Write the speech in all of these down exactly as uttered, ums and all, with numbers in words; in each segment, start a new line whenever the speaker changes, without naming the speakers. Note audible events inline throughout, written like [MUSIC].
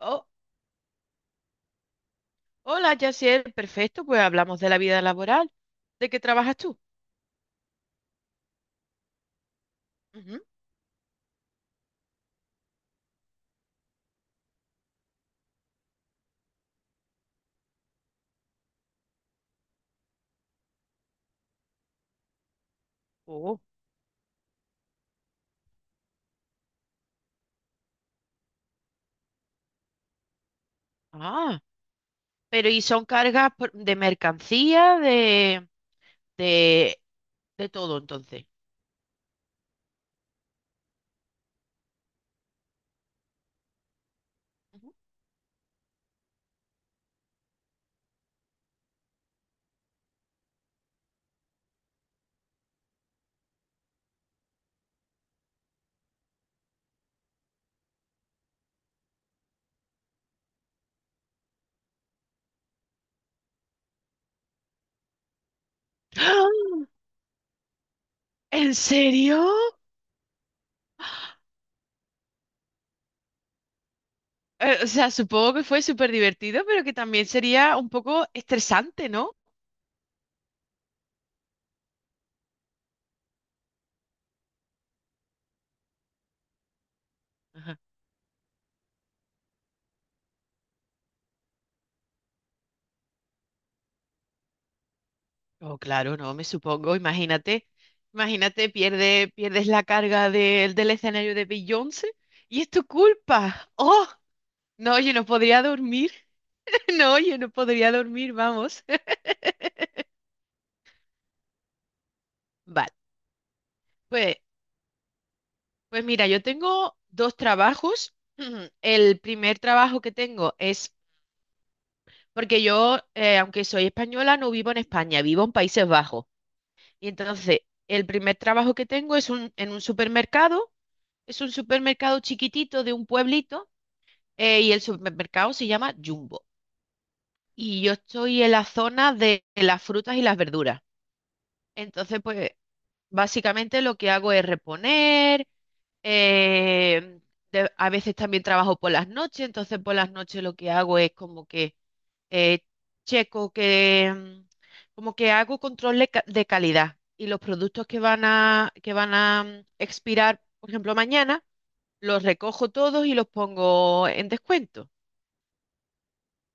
Oh, hola, Yaciel, perfecto, pues hablamos de la vida laboral. ¿De qué trabajas tú? Ujú. Oh, ah, pero ¿y son cargas por- de mercancía, de, de, de todo entonces? Ujú. ¡Ah! ¿En serio? Eh, o sea, supongo que fue súper divertido, pero que también sería un poco estresante, ¿no? Ajá. Oh, claro, no, me supongo, imagínate, imagínate, pierde, pierdes la carga del del escenario de Beyoncé y es tu culpa. ¡Oh! No, oye, no podría dormir. [LAUGHS] No, oye, no podría dormir, vamos. [LAUGHS] Vale, pues, pues mira, yo tengo dos trabajos. [CLEARS THROAT] El primer trabajo que tengo es, porque yo, eh, aunque soy española, no vivo en España, vivo en Países Bajos. Y entonces, el primer trabajo que tengo es un, en un supermercado, es un supermercado chiquitito de un pueblito, eh, y el supermercado se llama Jumbo. Y yo estoy en la zona de las frutas y las verduras. Entonces, pues básicamente lo que hago es reponer, eh, de- a veces también trabajo por las noches, entonces por las noches lo que hago es como que eh, checo que, mm, como que hago control de, ca- de calidad y los productos que van a, que van a mm, expirar, por ejemplo, mañana, los recojo todos y los pongo en descuento.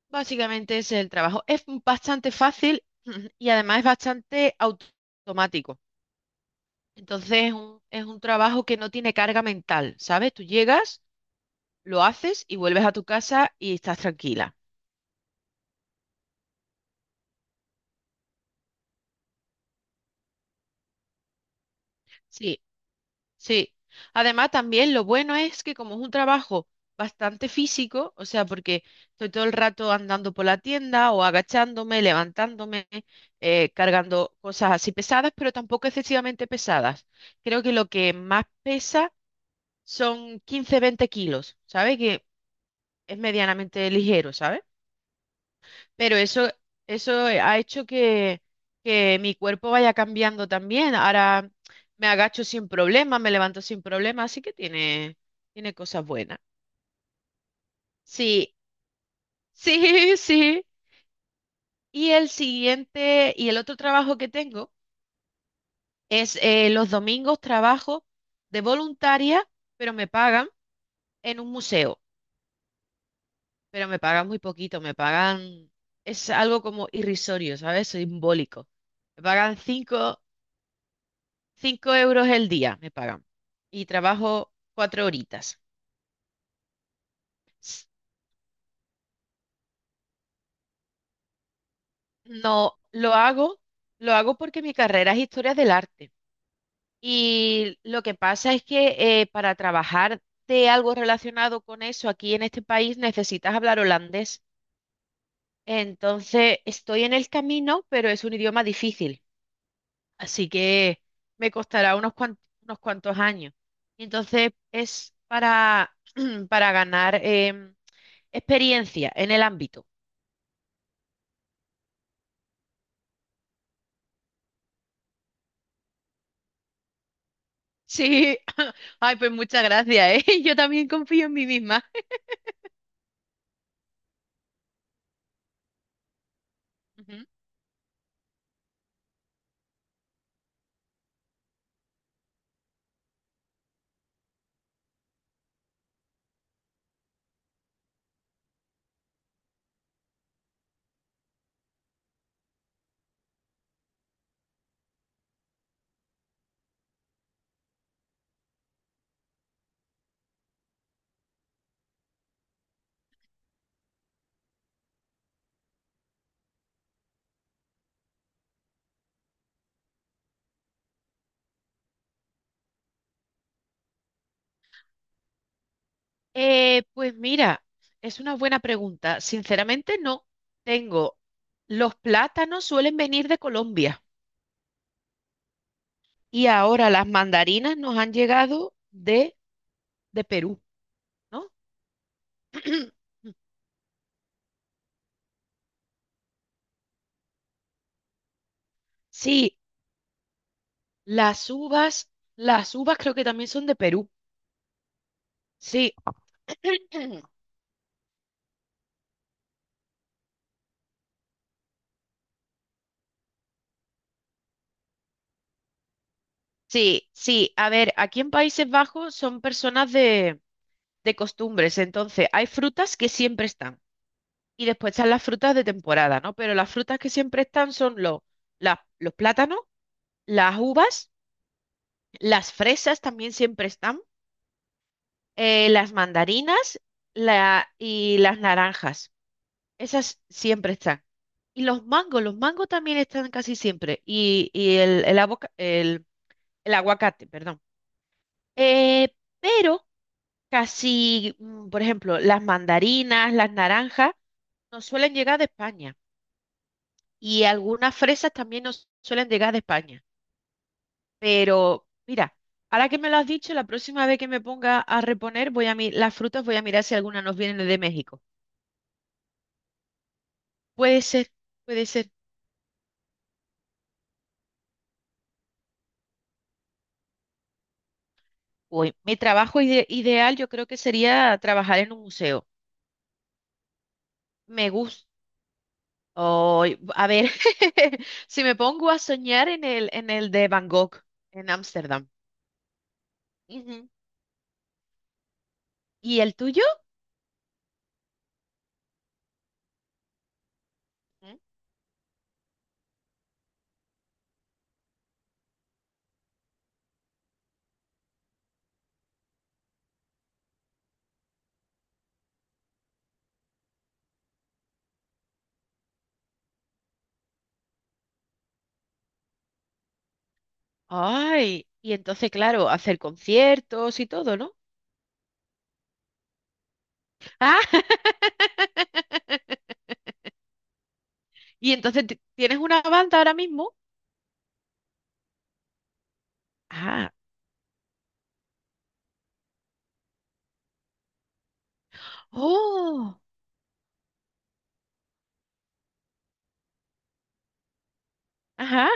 Básicamente ese es el trabajo. Es bastante fácil [CLEARS THROAT] y además es bastante automático. Entonces es un, es un trabajo que no tiene carga mental, ¿sabes? Tú llegas, lo haces y vuelves a tu casa y estás tranquila. Sí, sí. Además, también lo bueno es que como es un trabajo bastante físico, o sea, porque estoy todo el rato andando por la tienda o agachándome, levantándome, eh, cargando cosas así pesadas, pero tampoco excesivamente pesadas. Creo que lo que más pesa son quince a veinte kilos, ¿sabes? Que es medianamente ligero, ¿sabes? Pero eso, eso ha hecho que, que mi cuerpo vaya cambiando también. Ahora me agacho sin problema, me levanto sin problema, así que tiene, tiene cosas buenas. Sí, sí, [LAUGHS] sí. Y el siguiente, y el otro trabajo que tengo es, eh, los domingos trabajo de voluntaria, pero me pagan en un museo, pero me pagan muy poquito, me pagan, es algo como irrisorio, ¿sabes? Simbólico. Me pagan cinco Cinco euros el día me pagan y trabajo cuatro horitas. S- No, lo hago, lo hago, porque mi carrera es historia del arte. Y lo que pasa es que eh, para trabajar de algo relacionado con eso aquí en este país necesitas hablar holandés. Entonces estoy en el camino, pero es un idioma difícil. Así que me costará unos cuan- unos cuantos años. Entonces es para, [CLEARS THROAT] para ganar em, experiencia en el ámbito. Sí, [LAUGHS] ay, pues muchas gracias, ¿eh? [LAUGHS] Yo también confío en mí misma. Ujú. Eh, pues mira, es una buena pregunta. Sinceramente no tengo. Los plátanos suelen venir de Colombia y ahora las mandarinas nos han llegado de, de Perú, ¿no? [CLEARS THROAT] Sí, las uvas, las uvas creo que también son de Perú. Sí, [CLEARS THROAT] sí, sí. A ver, aquí en Países Bajos son personas de de costumbres. Entonces, hay frutas que siempre están y después están las frutas de temporada, ¿no? Pero las frutas que siempre están son los, las- los plátanos, las uvas, las fresas también siempre están, eh, las mandarinas la- y las naranjas. Esas siempre están. Y los mangos, los mangos también están casi siempre. Y, y el, el, avoca- el- el aguacate, perdón. Eh, pero casi, mm, por ejemplo, las mandarinas, las naranjas nos suelen llegar de España y algunas fresas también nos suelen llegar de España. Pero mira, ahora que me lo has dicho, la próxima vez que me ponga a reponer, voy a mi- las frutas voy a mirar si alguna nos viene de México. Puede ser, puede ser. Uy, mi trabajo ide- ideal yo creo que sería trabajar en un museo. Me gusta. Ay, a ver, [LAUGHS] si me pongo a soñar en el, en el de Van Gogh, en Ámsterdam. Ujú. ¿Y el tuyo? Ay, y entonces, claro, hacer conciertos y todo, ¿no? Ah, [LAUGHS] y entonces ti- tienes una banda ahora mismo. Ah, oh, ajá.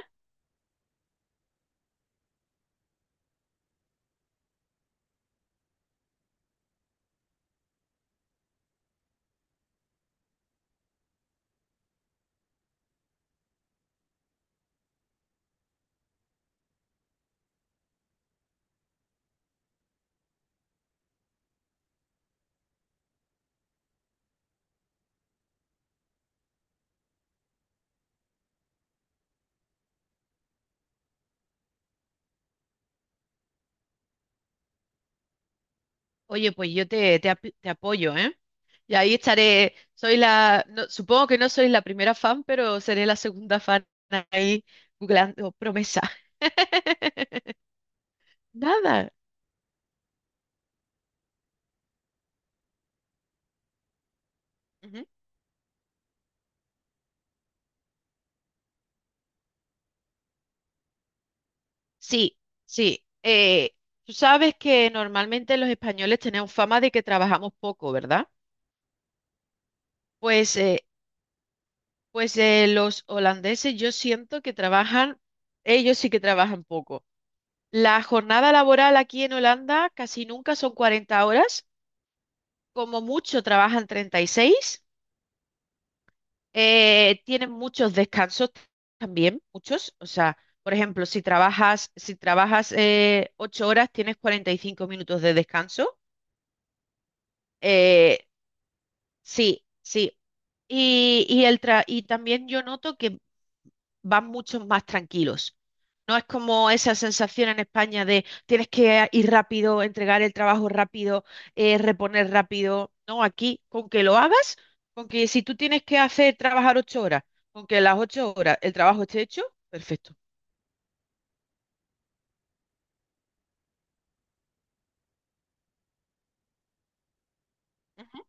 Oye, pues yo te, te, ap- te apoyo, ¿eh? Y ahí estaré. Soy la, no- Supongo que no soy la primera fan, pero seré la segunda fan ahí googleando promesa. [LAUGHS] Nada. Ujú. Sí, sí. Eh, tú sabes que normalmente los españoles tenemos fama de que trabajamos poco, ¿verdad? Pues eh, Pues eh, los holandeses yo siento que trabajan, ellos sí que trabajan poco. La jornada laboral aquí en Holanda casi nunca son cuarenta horas, como mucho trabajan treinta y seis, eh, tienen muchos descansos también, muchos. O sea, por ejemplo, si trabajas, si trabajas eh, ocho horas, tienes cuarenta y cinco minutos de descanso. Eh, sí, sí. Y, y, el tra- y también yo noto que van mucho más tranquilos. No es como esa sensación en España de tienes que ir rápido, entregar el trabajo rápido, eh, reponer rápido. No, aquí con que lo hagas, con que si tú tienes que hacer trabajar ocho horas, con que las ocho horas el trabajo esté hecho, perfecto. Ujú.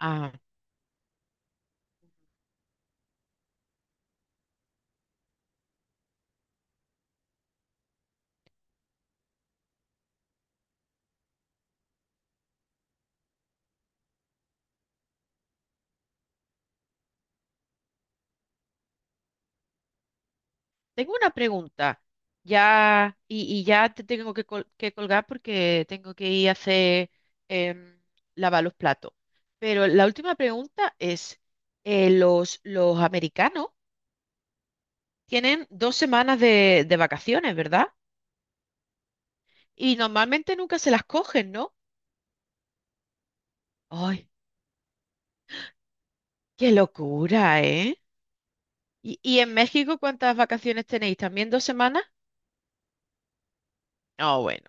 Ah, tengo una pregunta, ya, y, y ya te tengo que, col- que colgar porque tengo que ir a hacer, em, lavar los platos. Pero la última pregunta es, eh, los, los americanos tienen dos semanas de, de vacaciones, ¿verdad? Y normalmente nunca se las cogen, ¿no? ¡Ay, qué locura, eh! ¿Y, y en México cuántas vacaciones tenéis? ¿También dos semanas? Ah, bueno,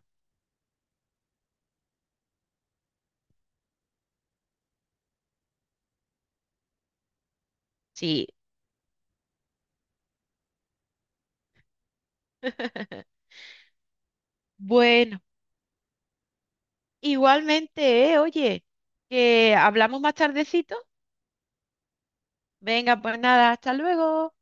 sí. [LAUGHS] Bueno. Igualmente, eh, oye, que hablamos más tardecito. Venga, pues nada, hasta luego.